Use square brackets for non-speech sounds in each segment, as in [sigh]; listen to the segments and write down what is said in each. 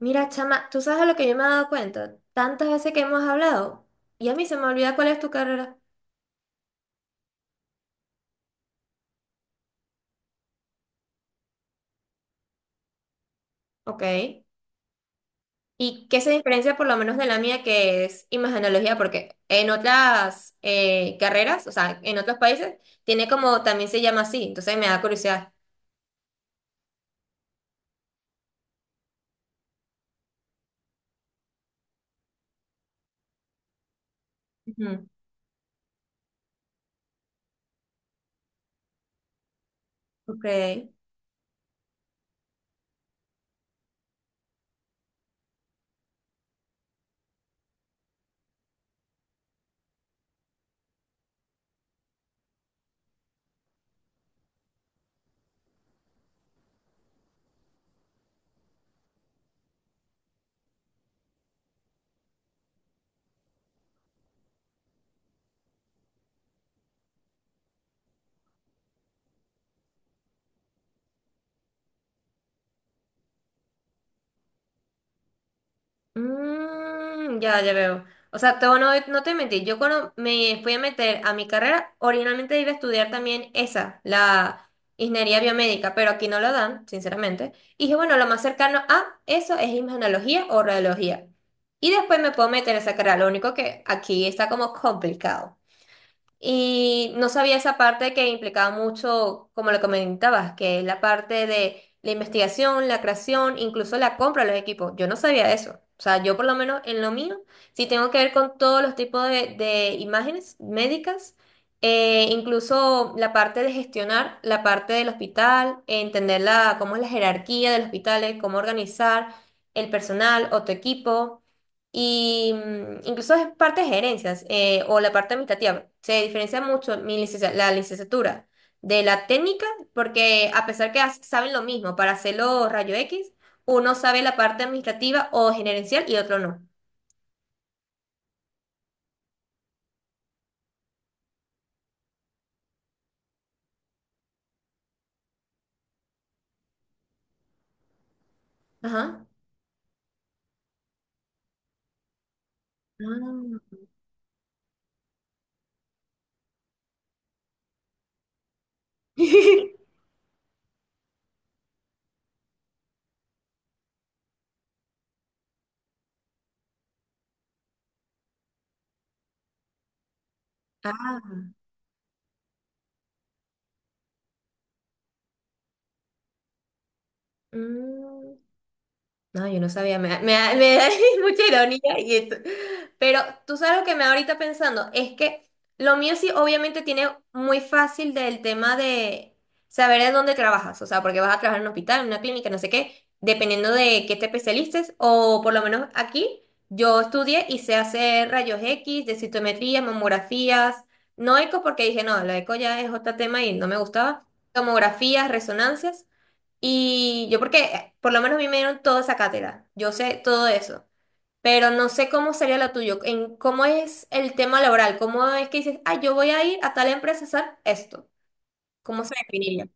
Mira, chama, ¿tú sabes a lo que yo me he dado cuenta? Tantas veces que hemos hablado y a mí se me olvida cuál es tu carrera. Ok. ¿Y qué se diferencia por lo menos de la mía que es imagenología? Porque en otras carreras, o sea, en otros países, tiene como, también se llama así, entonces me da curiosidad. Ujú. Ok. Mm, ya, ya veo. O sea, todo no, no te mentí. Yo cuando me fui a meter a mi carrera, originalmente iba a estudiar también esa, la ingeniería biomédica, pero aquí no lo dan, sinceramente. Y dije, bueno, lo más cercano a eso es imagenología o radiología. Y después me puedo meter a esa carrera. Lo único que aquí está como complicado. Y no sabía esa parte que implicaba mucho, como lo comentabas, que es la parte de la investigación, la creación, incluso la compra de los equipos. Yo no sabía eso. O sea, yo por lo menos en lo mío, sí tengo que ver con todos los tipos de imágenes médicas, incluso la parte de gestionar, la parte del hospital, entender la, cómo es la jerarquía del hospital, cómo organizar el personal o tu equipo. Y incluso es parte de gerencias o la parte administrativa. Se diferencia mucho la licenciatura de la técnica porque a pesar que saben lo mismo para hacerlo rayo X, uno sabe la parte administrativa o gerencial y otro no. Ajá. Ah. [laughs] Ah. Mm. No, yo no sabía, me da [laughs] mucha ironía y esto. Pero tú sabes lo que me da ahorita pensando, es que lo mío sí obviamente tiene muy fácil del tema de saber en dónde trabajas, o sea, porque vas a trabajar en un hospital, en una clínica, no sé qué, dependiendo de qué te especialices, o por lo menos aquí yo estudié y sé hacer rayos X, densitometría, mamografías, no eco porque dije, no, la eco ya es otro tema y no me gustaba, tomografías, resonancias. Y yo porque, por lo menos a mí me dieron toda esa cátedra, yo sé todo eso, pero no sé cómo sería la tuya, en cómo es el tema laboral, cómo es que dices, ah, yo voy a ir a tal empresa a hacer esto, cómo se definiría.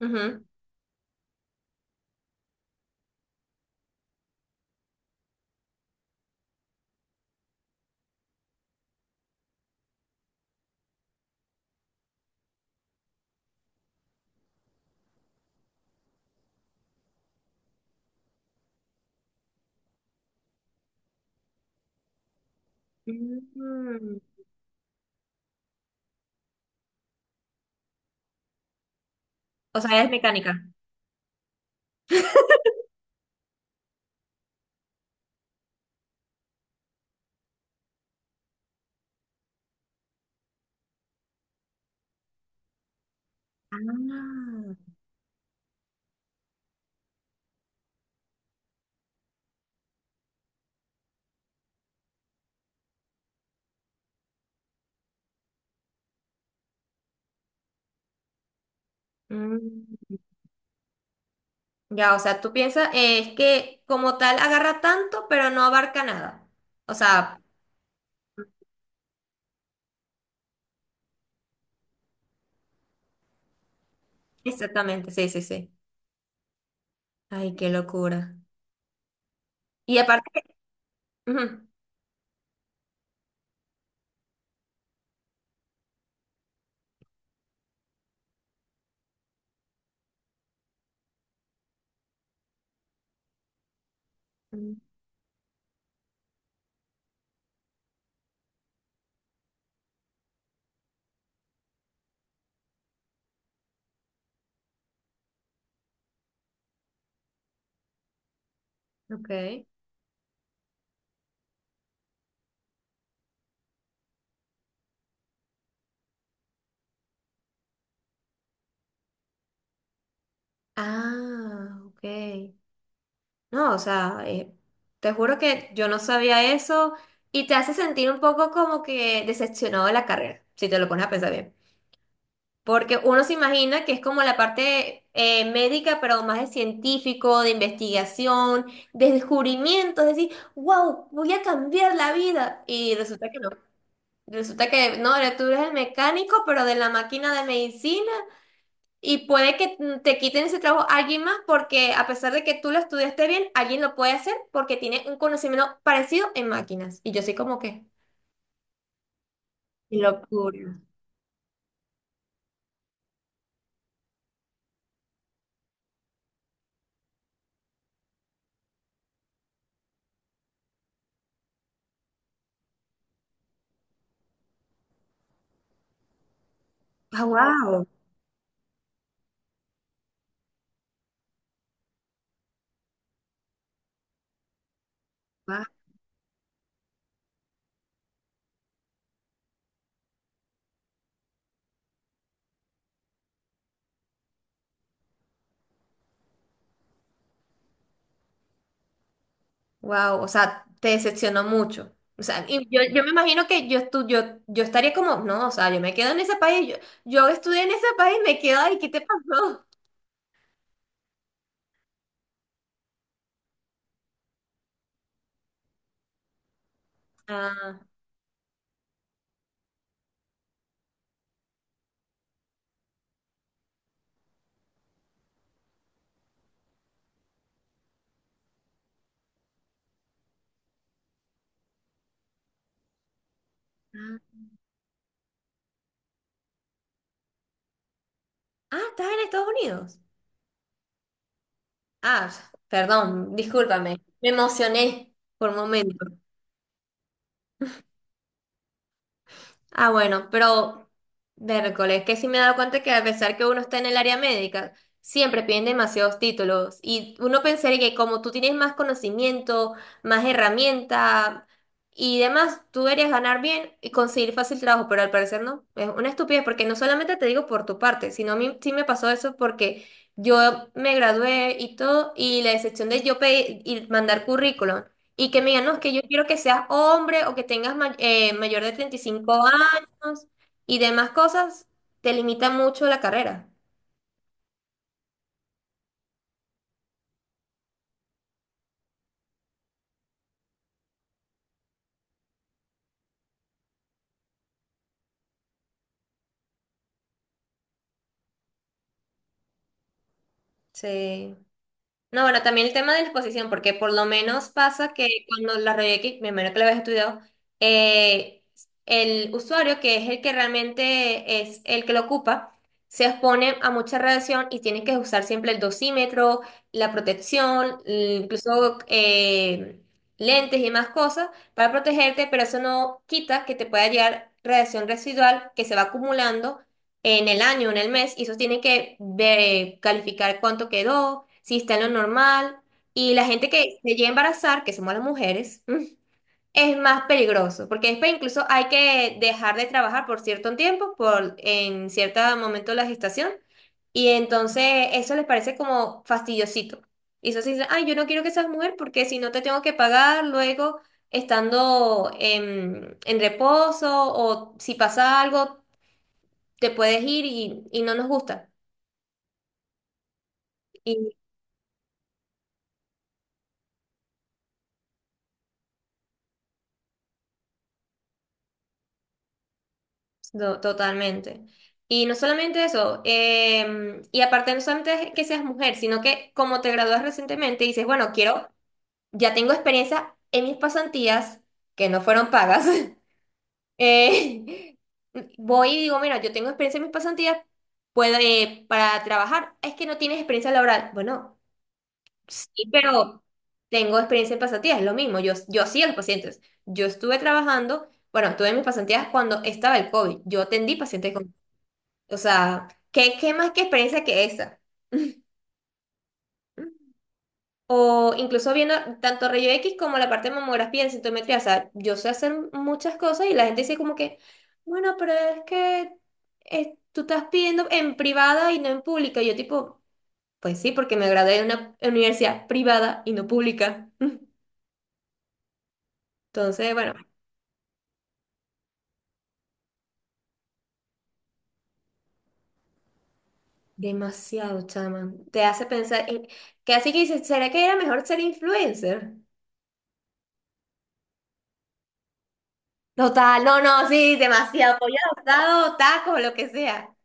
Ujú. Mm. O sea, es mecánica. Ah. Mm. Ya, o sea, tú piensas, es que como tal agarra tanto, pero no abarca nada. O sea, exactamente, sí, sí, sí. Ay, qué locura. Y aparte, ujú. Mm. Ok. Ah, ok. No, o sea, te juro que yo no sabía eso y te hace sentir un poco como que decepcionado de la carrera, si te lo pones a pensar bien. Porque uno se imagina que es como la parte médica, pero más de científico, de investigación, de descubrimiento, es decir, wow, voy a cambiar la vida. Y resulta que no. Resulta que no, tú eres el mecánico, pero de la máquina de medicina y puede que te quiten ese trabajo a alguien más porque a pesar de que tú lo estudiaste bien, alguien lo puede hacer porque tiene un conocimiento parecido en máquinas. Y yo soy como que, qué locura. Ah, wow, wow, o sea, te decepcionó mucho. O sea, y yo me imagino que yo estaría como, no, o sea, yo me quedo en ese país, yo estudié en ese país, me quedo ahí, ¿qué te pasó? Ah, ah, ah, estás en Estados Unidos. Ah, perdón, discúlpame, me emocioné por un momento. Ah, bueno, pero miércoles, que sí me he dado cuenta que a pesar que uno está en el área médica, siempre piden demasiados títulos. Y uno pensaría que como tú tienes más conocimiento, más herramienta y demás, tú deberías ganar bien y conseguir fácil trabajo, pero al parecer no. Es una estupidez porque no solamente te digo por tu parte, sino a mí sí me pasó eso porque yo me gradué y todo, y la excepción de yo pedir y mandar currículum. Y que me digan, no, es que yo quiero que seas hombre o que tengas mayor de 35 años y demás cosas, te limita mucho la carrera. Sí. No, bueno, también el tema de la exposición, porque por lo menos pasa que cuando la review, que me imagino que lo habéis estudiado, eh, el usuario, que es el que realmente es el que lo ocupa, se expone a mucha radiación y tiene que usar siempre el dosímetro, la protección, incluso lentes y más cosas para protegerte, pero eso no quita que te pueda llegar radiación residual que se va acumulando en el año, en el mes, y eso tiene que ver, calificar cuánto quedó, si está en lo normal. Y la gente que se llega a embarazar, que somos las mujeres, [laughs] mm, es más peligroso, porque después incluso hay que dejar de trabajar por cierto tiempo, por en cierto momento de la gestación, y entonces eso les parece como fastidiosito. Y eso se dice, ay, yo no quiero que seas mujer porque si no te tengo que pagar luego estando en reposo o si pasa algo te puedes ir y no nos gusta. Y no, totalmente. Y no solamente eso, y aparte no solamente es que seas mujer, sino que como te gradúas recientemente, dices, bueno, quiero, ya tengo experiencia en mis pasantías, que no fueron pagas. [laughs] eh, voy y digo, mira, yo tengo experiencia en mis pasantías, puedo, para trabajar, es que no tienes experiencia laboral. Bueno. Sí, pero tengo experiencia en pasantías, es lo mismo. Yo hacía los pacientes. Yo estuve trabajando, bueno, tuve mis pasantías cuando estaba el COVID. Yo atendí pacientes con... O sea, ¿qué más que experiencia que esa? [laughs] O incluso viendo tanto rayo X como la parte de mamografía en sintometría. O sea, yo sé hacer muchas cosas y la gente dice como que, bueno, pero es que tú estás pidiendo en privada y no en pública. Y yo tipo, pues sí, porque me gradué de una universidad privada y no pública. Entonces, bueno, demasiado, chama. Te hace pensar, que así que dices, ¿será que era mejor ser influencer? Total, no, no, sí, demasiado. Pollo asado, taco, lo que sea.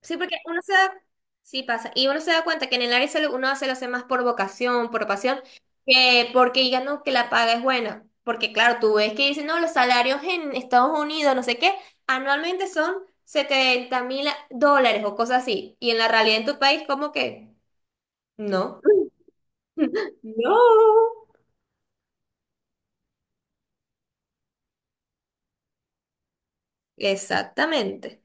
Sí, porque uno se da, sí pasa, y uno se da cuenta que en el área de salud uno se lo hace más por vocación, por pasión, que porque digan, no, que la paga es buena. Porque claro, tú ves que dicen, no, los salarios en Estados Unidos, no sé qué, anualmente son $70,000 o cosas así. Y en la realidad en tu país, como que no. [laughs] No. Exactamente.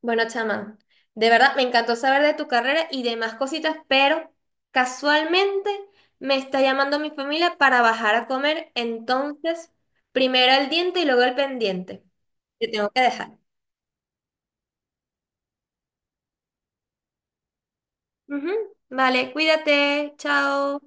Bueno, chamán, de verdad me encantó saber de tu carrera y demás cositas, pero casualmente me está llamando mi familia para bajar a comer, entonces primero el diente y luego el pendiente. Te tengo que dejar. Ujú. Vale, cuídate, chao.